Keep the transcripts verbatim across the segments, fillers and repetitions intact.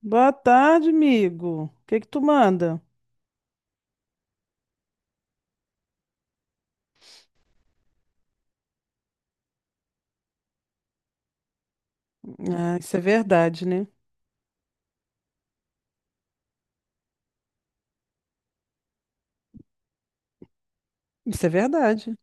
Boa tarde, amigo. O que que tu manda? Ah, isso é verdade, né? Isso é verdade.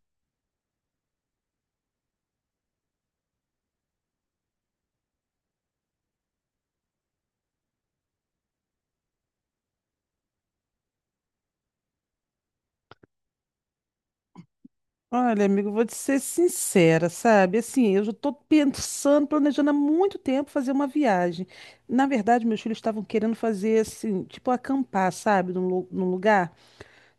Olha, amigo, vou te ser sincera, sabe? Assim, eu já tô pensando, planejando há muito tempo fazer uma viagem. Na verdade, meus filhos estavam querendo fazer, assim, tipo acampar, sabe? Num, lu- num lugar.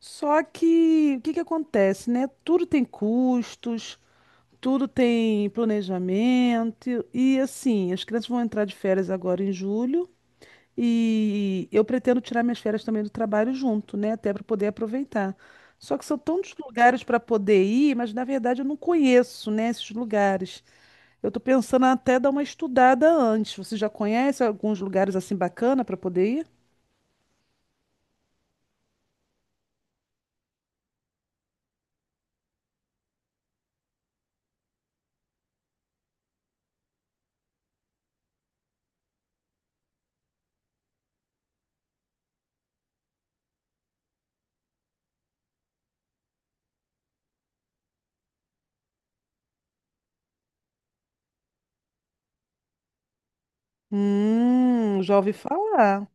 Só que, o que que acontece, né? Tudo tem custos, tudo tem planejamento. E, assim, as crianças vão entrar de férias agora em julho. E eu pretendo tirar minhas férias também do trabalho junto, né? Até para poder aproveitar. Só que são tantos lugares para poder ir, mas na verdade eu não conheço, né, esses lugares. Eu estou pensando até dar uma estudada antes. Você já conhece alguns lugares assim bacana para poder ir? Hum, já ouvi falar.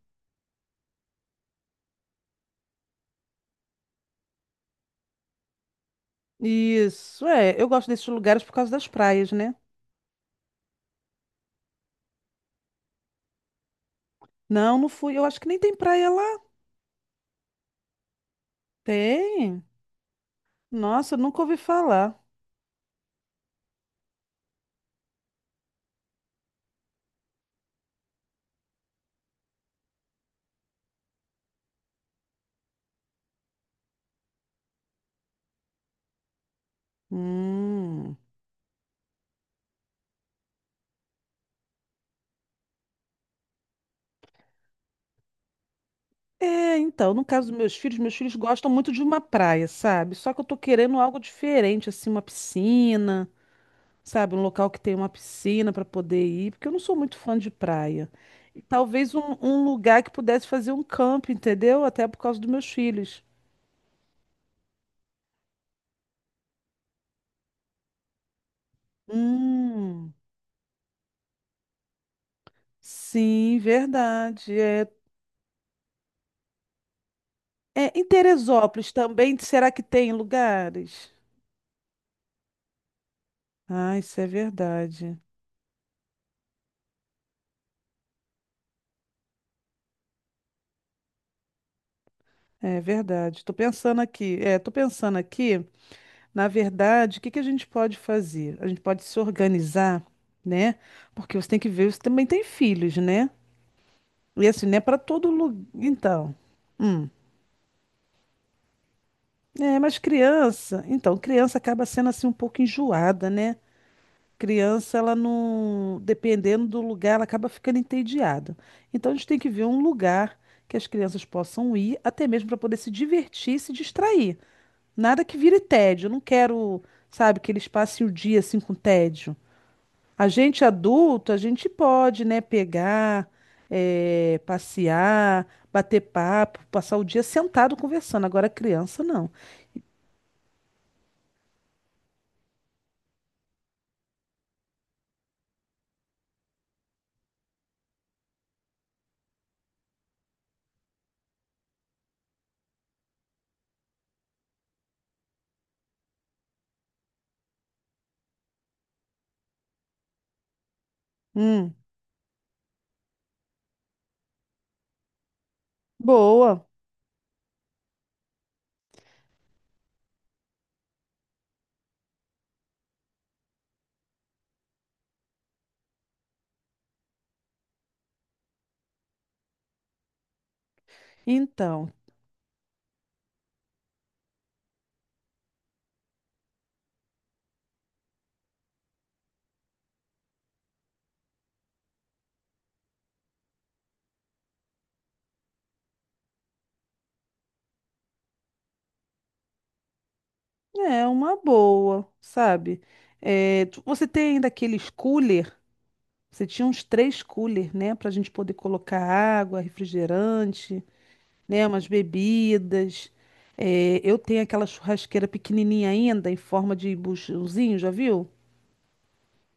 Isso, é. Eu gosto desses lugares por causa das praias, né? Não, não fui. Eu acho que nem tem praia lá. Tem? Nossa, eu nunca ouvi falar. Hum. É, então, no caso dos meus filhos, meus filhos gostam muito de uma praia, sabe? Só que eu tô querendo algo diferente, assim, uma piscina, sabe? Um local que tenha uma piscina para poder ir, porque eu não sou muito fã de praia. E talvez um, um lugar que pudesse fazer um campo, entendeu? Até por causa dos meus filhos. Hum, sim, verdade. É, é, em Teresópolis também, será que tem lugares? Ah, isso é verdade. É verdade. Tô pensando aqui. É, tô pensando aqui. Na verdade, o que que a gente pode fazer? A gente pode se organizar, né? Porque você tem que ver, você também tem filhos, né? E assim, não é para todo lugar. Então, hum. É, mas criança, então, criança acaba sendo assim um pouco enjoada, né? Criança, ela não, dependendo do lugar, ela acaba ficando entediada. Então, a gente tem que ver um lugar que as crianças possam ir, até mesmo para poder se divertir, e se distrair. Nada que vire tédio. Eu não quero, sabe, que eles passem o dia assim com tédio. A gente adulto, a gente pode, né, pegar, eh, passear, bater papo, passar o dia sentado conversando. Agora criança não. Hum, boa. Então, é uma boa, sabe? Eh, tu- você tem ainda aqueles cooler? Você tinha uns três cooler, né, para a gente poder colocar água, refrigerante, né, umas bebidas. Eh, eu tenho aquela churrasqueira pequenininha ainda em forma de buchãozinho, já viu?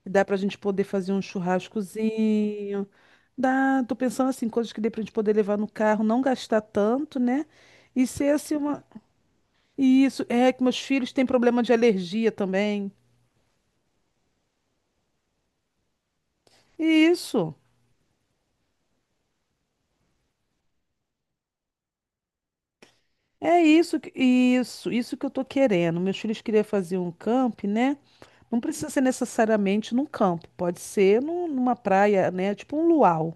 Dá pra gente poder fazer um churrascozinho. Dá, tô pensando assim, coisas que dê pra gente poder levar no carro, não gastar tanto, né? E ser assim uma. Isso, é que meus filhos têm problema de alergia também. Isso. É isso, que- isso, isso que eu tô querendo. Meus filhos queriam fazer um camp, né? Não precisa ser necessariamente num campo, pode ser num- numa praia, né? Tipo um luau.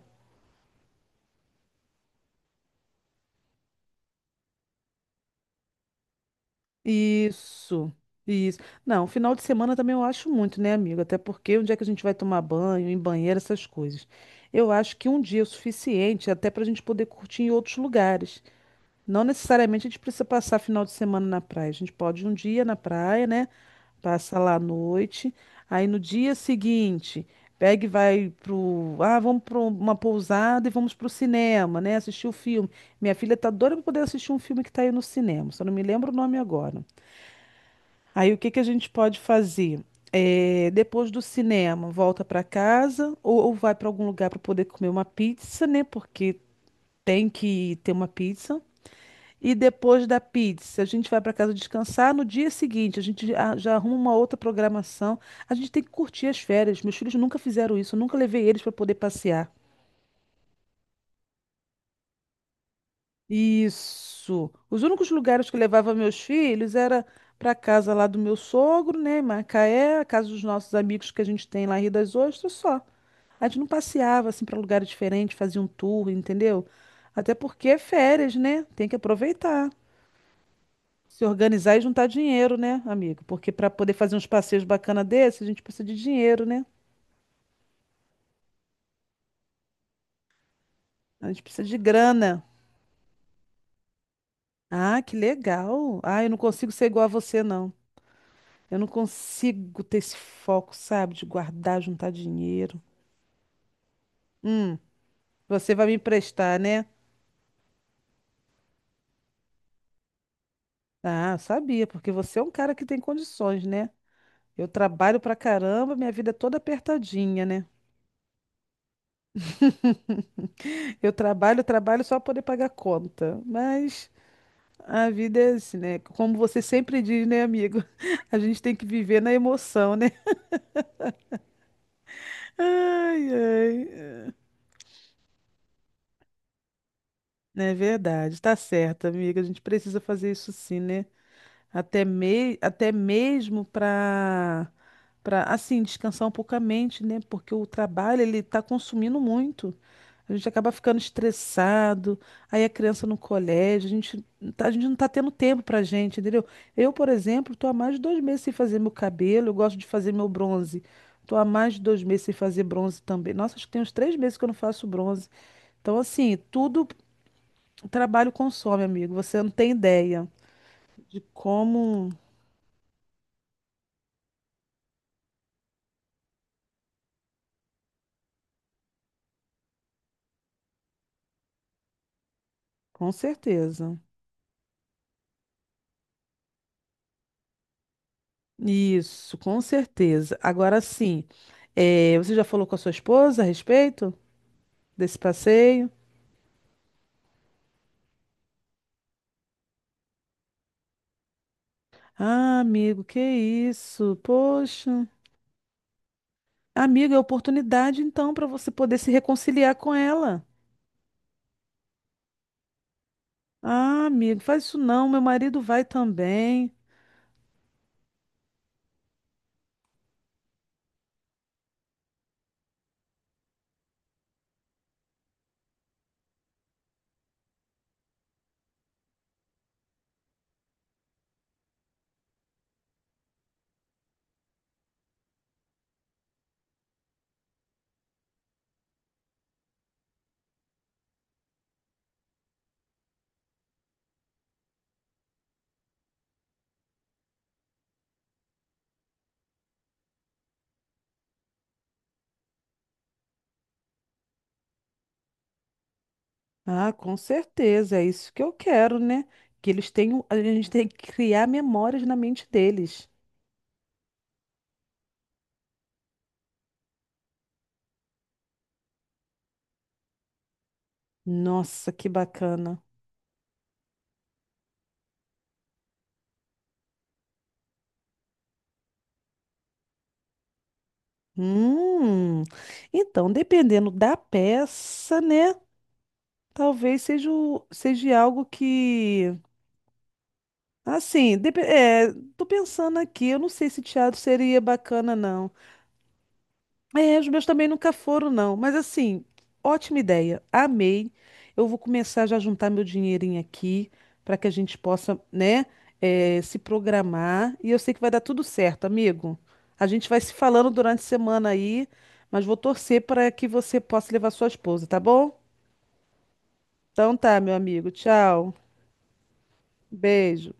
Isso, isso. Não, final de semana também eu acho muito, né, amigo? Até porque onde é que a gente vai tomar banho, em banheiro, essas coisas. Eu acho que um dia é o suficiente até para a gente poder curtir em outros lugares. Não necessariamente a gente precisa passar final de semana na praia. A gente pode ir um dia na praia, né? Passa lá à noite. Aí no dia seguinte, pega e vai pro. Ah, vamos para uma pousada e vamos pro cinema, né? Assistir o filme. Minha filha tá doida para poder assistir um filme que tá aí no cinema. Só não me lembro o nome agora. Aí o que que a gente pode fazer? É, depois do cinema, volta para casa ou, ou vai para algum lugar para poder comer uma pizza, né? Porque tem que ter uma pizza. E depois da pizza, a gente vai para casa descansar. No dia seguinte, a gente a- já arruma uma outra programação. A gente tem que curtir as férias. Meus filhos nunca fizeram isso. Eu nunca levei eles para poder passear. Isso. Os únicos lugares que eu levava meus filhos era para casa lá do meu sogro, né, em Macaé, a casa dos nossos amigos que a gente tem lá em Rio das Ostras, só. A gente não passeava assim para lugares diferentes, fazia um tour, entendeu? Até porque é férias, né? Tem que aproveitar, se organizar e juntar dinheiro, né, amigo? Porque para poder fazer uns passeios bacana desses, a gente precisa de dinheiro, né? A gente precisa de grana. Ah, que legal. Ah, eu não consigo ser igual a você, não. Eu não consigo ter esse foco, sabe, de guardar, juntar dinheiro. Hum, você vai me emprestar, né? Ah, eu sabia, porque você é um cara que tem condições, né? Eu trabalho pra caramba, minha vida é toda apertadinha, né? Eu trabalho, trabalho só para poder pagar conta. Mas a vida é assim, né? Como você sempre diz, né, amigo? A gente tem que viver na emoção, né? Ai, ai. É É verdade, tá certo, amiga. A gente precisa fazer isso sim, né? Até, me, até mesmo para para assim descansar um pouco a mente, né? Porque o trabalho ele está consumindo muito. A gente acaba ficando estressado, aí a criança no colégio, a gente, não tá- a gente não está tendo tempo para gente, entendeu? Eu, por exemplo, estou há mais de dois meses sem fazer meu cabelo, eu gosto de fazer meu bronze. Estou há mais de dois meses sem fazer bronze também. Nossa, acho que tem uns três meses que eu não faço bronze. Então, assim, tudo trabalho consome, amigo. Você não tem ideia de como. Com certeza. Isso, com certeza. Agora sim, eh, você já falou com a sua esposa a respeito desse passeio? Ah, amigo, que isso? Poxa. Amigo, é oportunidade então para você poder se reconciliar com ela. Ah, amigo, faz isso não, meu marido vai também. Ah, com certeza, é isso que eu quero, né? Que eles tenham, a gente tem que criar memórias na mente deles. Nossa, que bacana. Hum, então, dependendo da peça, né? Talvez seja, o- seja algo que. Assim, depe- é, tô pensando aqui, eu não sei se teatro seria bacana, não. É, os meus também nunca foram, não. Mas assim, ótima ideia. Amei. Eu vou começar já a juntar meu dinheirinho aqui para que a gente possa, né, eh, se programar. E eu sei que vai dar tudo certo, amigo. A gente vai se falando durante a semana aí, mas vou torcer para que você possa levar sua esposa, tá bom? Então tá, meu amigo. Tchau. Beijo.